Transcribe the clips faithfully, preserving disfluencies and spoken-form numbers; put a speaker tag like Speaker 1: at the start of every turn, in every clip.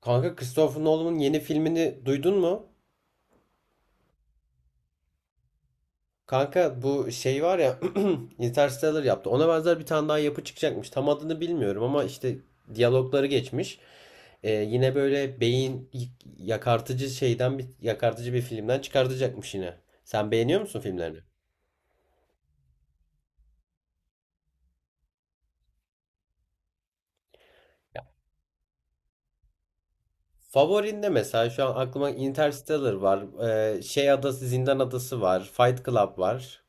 Speaker 1: Kanka Christopher Nolan'ın yeni filmini duydun mu? Kanka bu şey var ya. Interstellar yaptı. Ona benzer bir tane daha yapı çıkacakmış. Tam adını bilmiyorum ama işte diyalogları geçmiş. Ee, yine böyle beyin y- yakartıcı şeyden bir yakartıcı bir filmden çıkartacakmış yine. Sen beğeniyor musun filmlerini? Ya, favorinde mesela şu an aklıma Interstellar var. Ee, şey adası, Zindan Adası var. Fight Club var.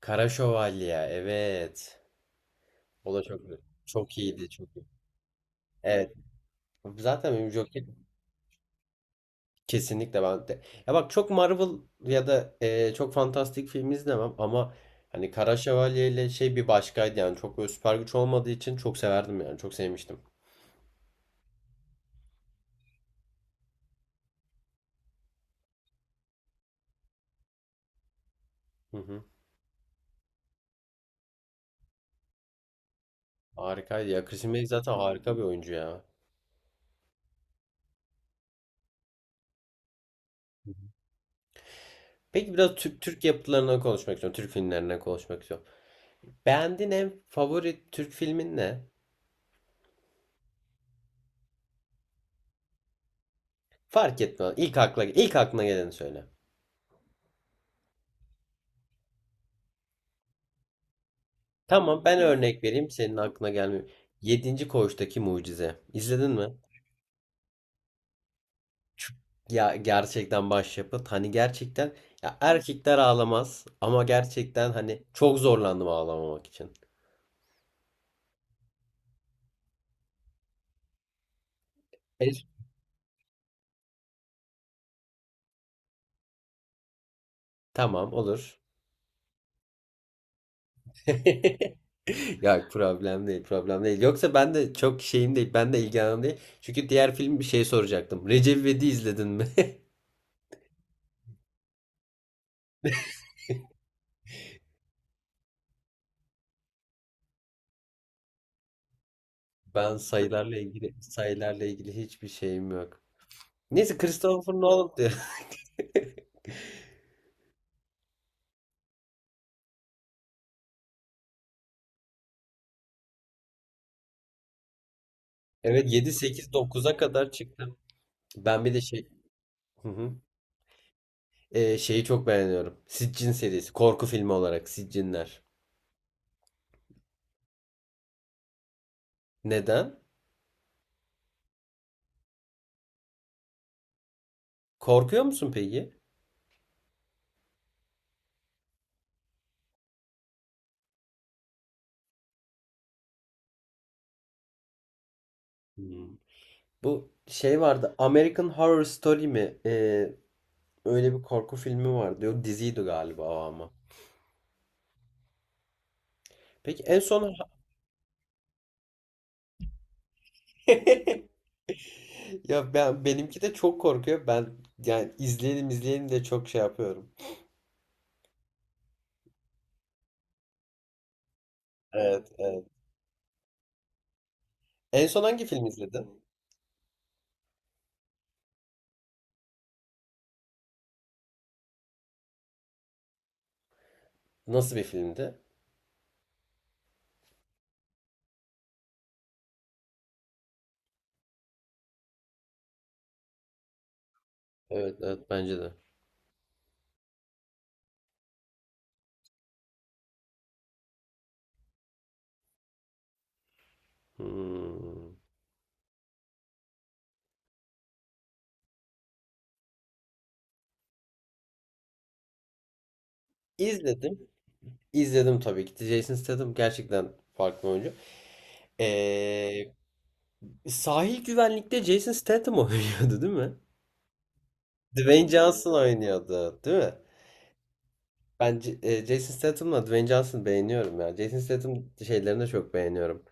Speaker 1: Kara Şövalye. Evet. O da çok çok iyiydi, çok iyi. Evet. Zaten benim Joker kesinlikle ben de. Ya bak, çok Marvel ya da e, çok fantastik film izlemem ama hani Kara Şövalye ile şey bir başkaydı yani çok böyle süper güç olmadığı için çok severdim yani çok sevmiştim. Hı hı. Harikaydı ya, Christian Bale zaten harika bir oyuncu ya. Peki biraz Türk Türk yapıtlarına konuşmak istiyorum. Türk filmlerine konuşmak istiyorum. Beğendiğin en favori Türk filmin ne? Fark etmez. İlk akla ilk aklına geleni söyle. Tamam, ben örnek vereyim, senin aklına gelmiyor. Yedinci Koğuştaki Mucize. İzledin mi? Ya, gerçekten başyapıt. Hani gerçekten, ya erkekler ağlamaz ama gerçekten hani çok zorlandım ağlamamak için. Hayır. Tamam, olur. Ya, problem değil, problem değil. Yoksa ben de çok şeyim değil, ben de ilgilenim değil. Çünkü diğer film bir şey soracaktım. Recep İvedik'i izledin mi? Ben sayılarla ilgili sayılarla ilgili hiçbir şeyim yok. Neyse, Christopher Nolan diyor. Evet, yedi sekiz dokuz'a kadar çıktım. Ben bir de şey. Hı hı. Ee, şeyi çok beğeniyorum. Siccin serisi. Korku filmi olarak Siccinler. Neden? Korkuyor musun peki? Hmm. Bu şey vardı. American Horror Story mi? Ee, öyle bir korku filmi vardı. Yok, diziydi galiba o ama. Peki en son ya ben benimki de çok korkuyor. Ben yani, izleyelim izleyelim de çok şey yapıyorum. Evet, evet. En son hangi film izledin? Nasıl bir filmdi? Evet, evet, bence de. Hmm. İzledim. İzledim tabii ki. Jason Statham gerçekten farklı oyuncu. Ee, Sahil güvenlikte Jason Statham oynuyordu değil mi? Dwayne Johnson oynuyordu değil mi? Ben C- e, Jason Statham'la Dwayne Johnson'ı beğeniyorum ya. Jason Statham şeylerini de çok beğeniyorum.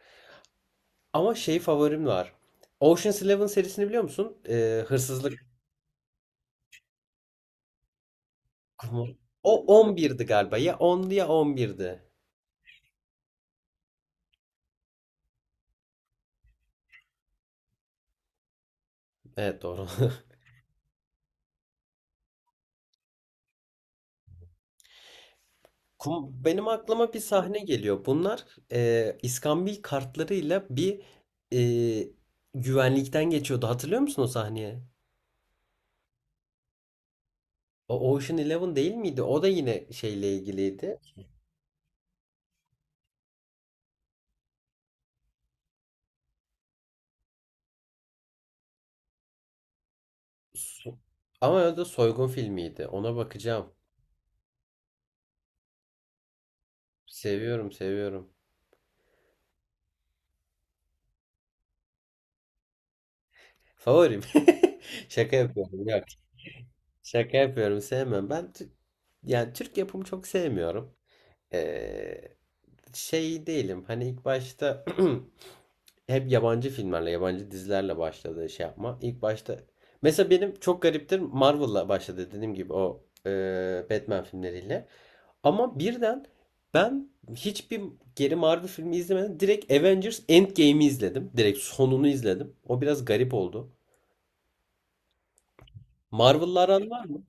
Speaker 1: Ama şey, favorim var. Ocean's Eleven serisini biliyor musun? Ee, hırsızlık. O on birdi galiba. Ya ondu ya on birdi. Evet, doğru. Kum- Benim aklıma bir sahne geliyor. Bunlar e, iskambil kartlarıyla bir e, güvenlikten geçiyordu. Hatırlıyor musun o sahneye? O Ocean Eleven değil miydi? O da yine şeyle ilgiliydi. Su- Ama o da soygun filmiydi. Ona bakacağım. Seviyorum, seviyorum. Favorim. Şaka yapıyorum. Yok. Şaka yapıyorum. Sevmem. Ben Tü- yani Türk yapımı çok sevmiyorum. Ee, Şey değilim. Hani ilk başta hep yabancı filmlerle, yabancı dizilerle başladı şey yapma. İlk başta mesela benim çok gariptir Marvel'la başladı, dediğim gibi o e, Batman filmleriyle. Ama birden ben hiçbir geri Marvel filmi izlemedim. Direkt Avengers Endgame'i izledim. Direkt sonunu izledim. O biraz garip oldu. Marvel'la aran var mı?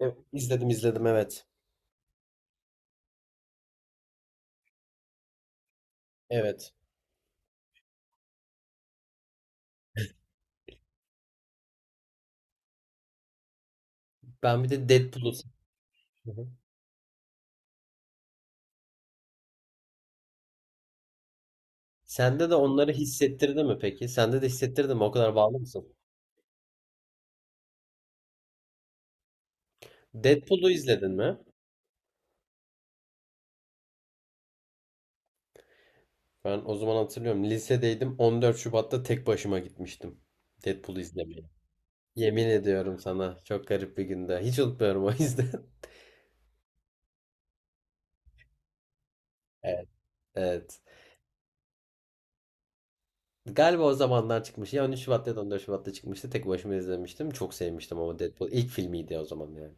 Speaker 1: Evet, izledim izledim, evet. Evet. Ben bir de Deadpool'u. Hı hı. Sende de onları hissettirdi mi peki? Sende de hissettirdi mi? O kadar bağlı mısın? Deadpool'u izledin mi? Ben o zaman hatırlıyorum. Lisedeydim. on dört Şubat'ta tek başıma gitmiştim Deadpool'u izlemeye. Yemin ediyorum sana. Çok garip bir günde. Hiç unutmuyorum o yüzden. Evet. Evet. Galiba o zamanlar çıkmış. Ya on üç Şubat'ta ya da on dört Şubat'ta çıkmıştı. Tek başıma izlemiştim. Çok sevmiştim ama Deadpool, ilk filmiydi o zaman yani.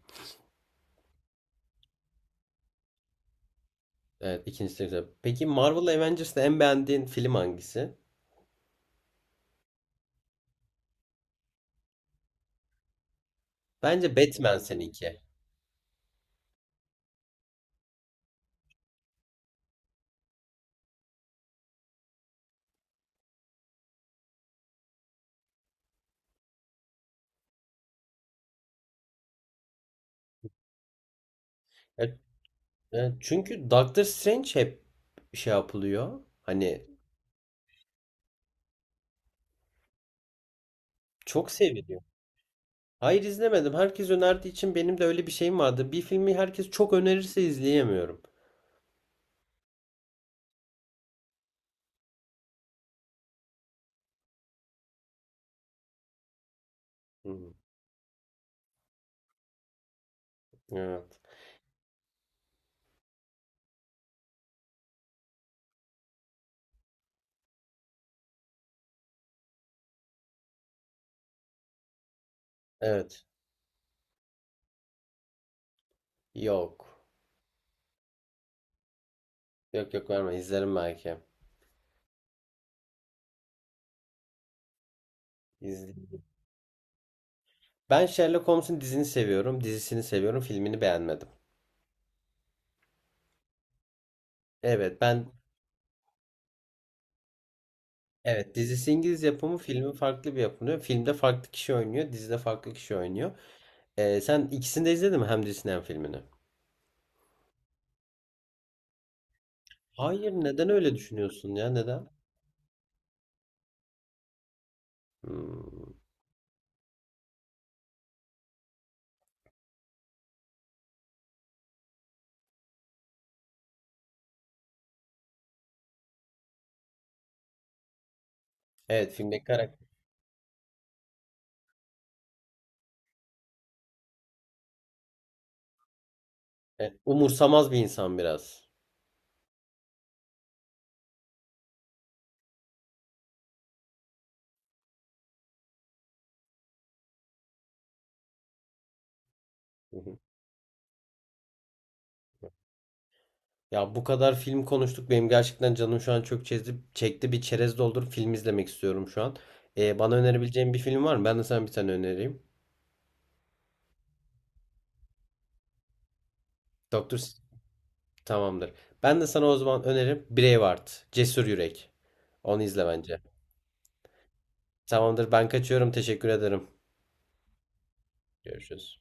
Speaker 1: Evet, ikincisi de güzel. Peki Marvel Avengers'ta en beğendiğin film hangisi? Bence Batman seninki. E, e, Çünkü Doctor Strange hep şey yapılıyor. Hani çok seviliyor. Hayır, izlemedim. Herkes önerdiği için benim de öyle bir şeyim vardı. Bir filmi herkes çok önerirse izleyemiyorum. Hı. Evet. Evet. Yok. Yok, yok, verme. İzlerim belki. İzle. Ben Sherlock Holmes'un dizini seviyorum, dizisini seviyorum, filmini beğenmedim. Evet, ben evet, dizisi İngiliz yapımı, filmi farklı bir yapımı. Filmde farklı kişi oynuyor, dizide farklı kişi oynuyor. Ee, sen ikisini de izledin mi? Hem dizisini hem filmini. Hayır, neden öyle düşünüyorsun ya? Neden? Hmm. Evet, filmdeki karakter, evet, umursamaz bir insan biraz. Ya, bu kadar film konuştuk. Benim gerçekten canım şu an çok çekti. Çekti bir çerez doldurup film izlemek istiyorum şu an. Ee, bana önerebileceğin bir film var mı? Ben de sana bir tane önereyim. Doktor S- Tamamdır. Ben de sana o zaman önerim Braveheart. Cesur Yürek. Onu izle bence. Tamamdır, ben kaçıyorum. Teşekkür ederim. Görüşürüz.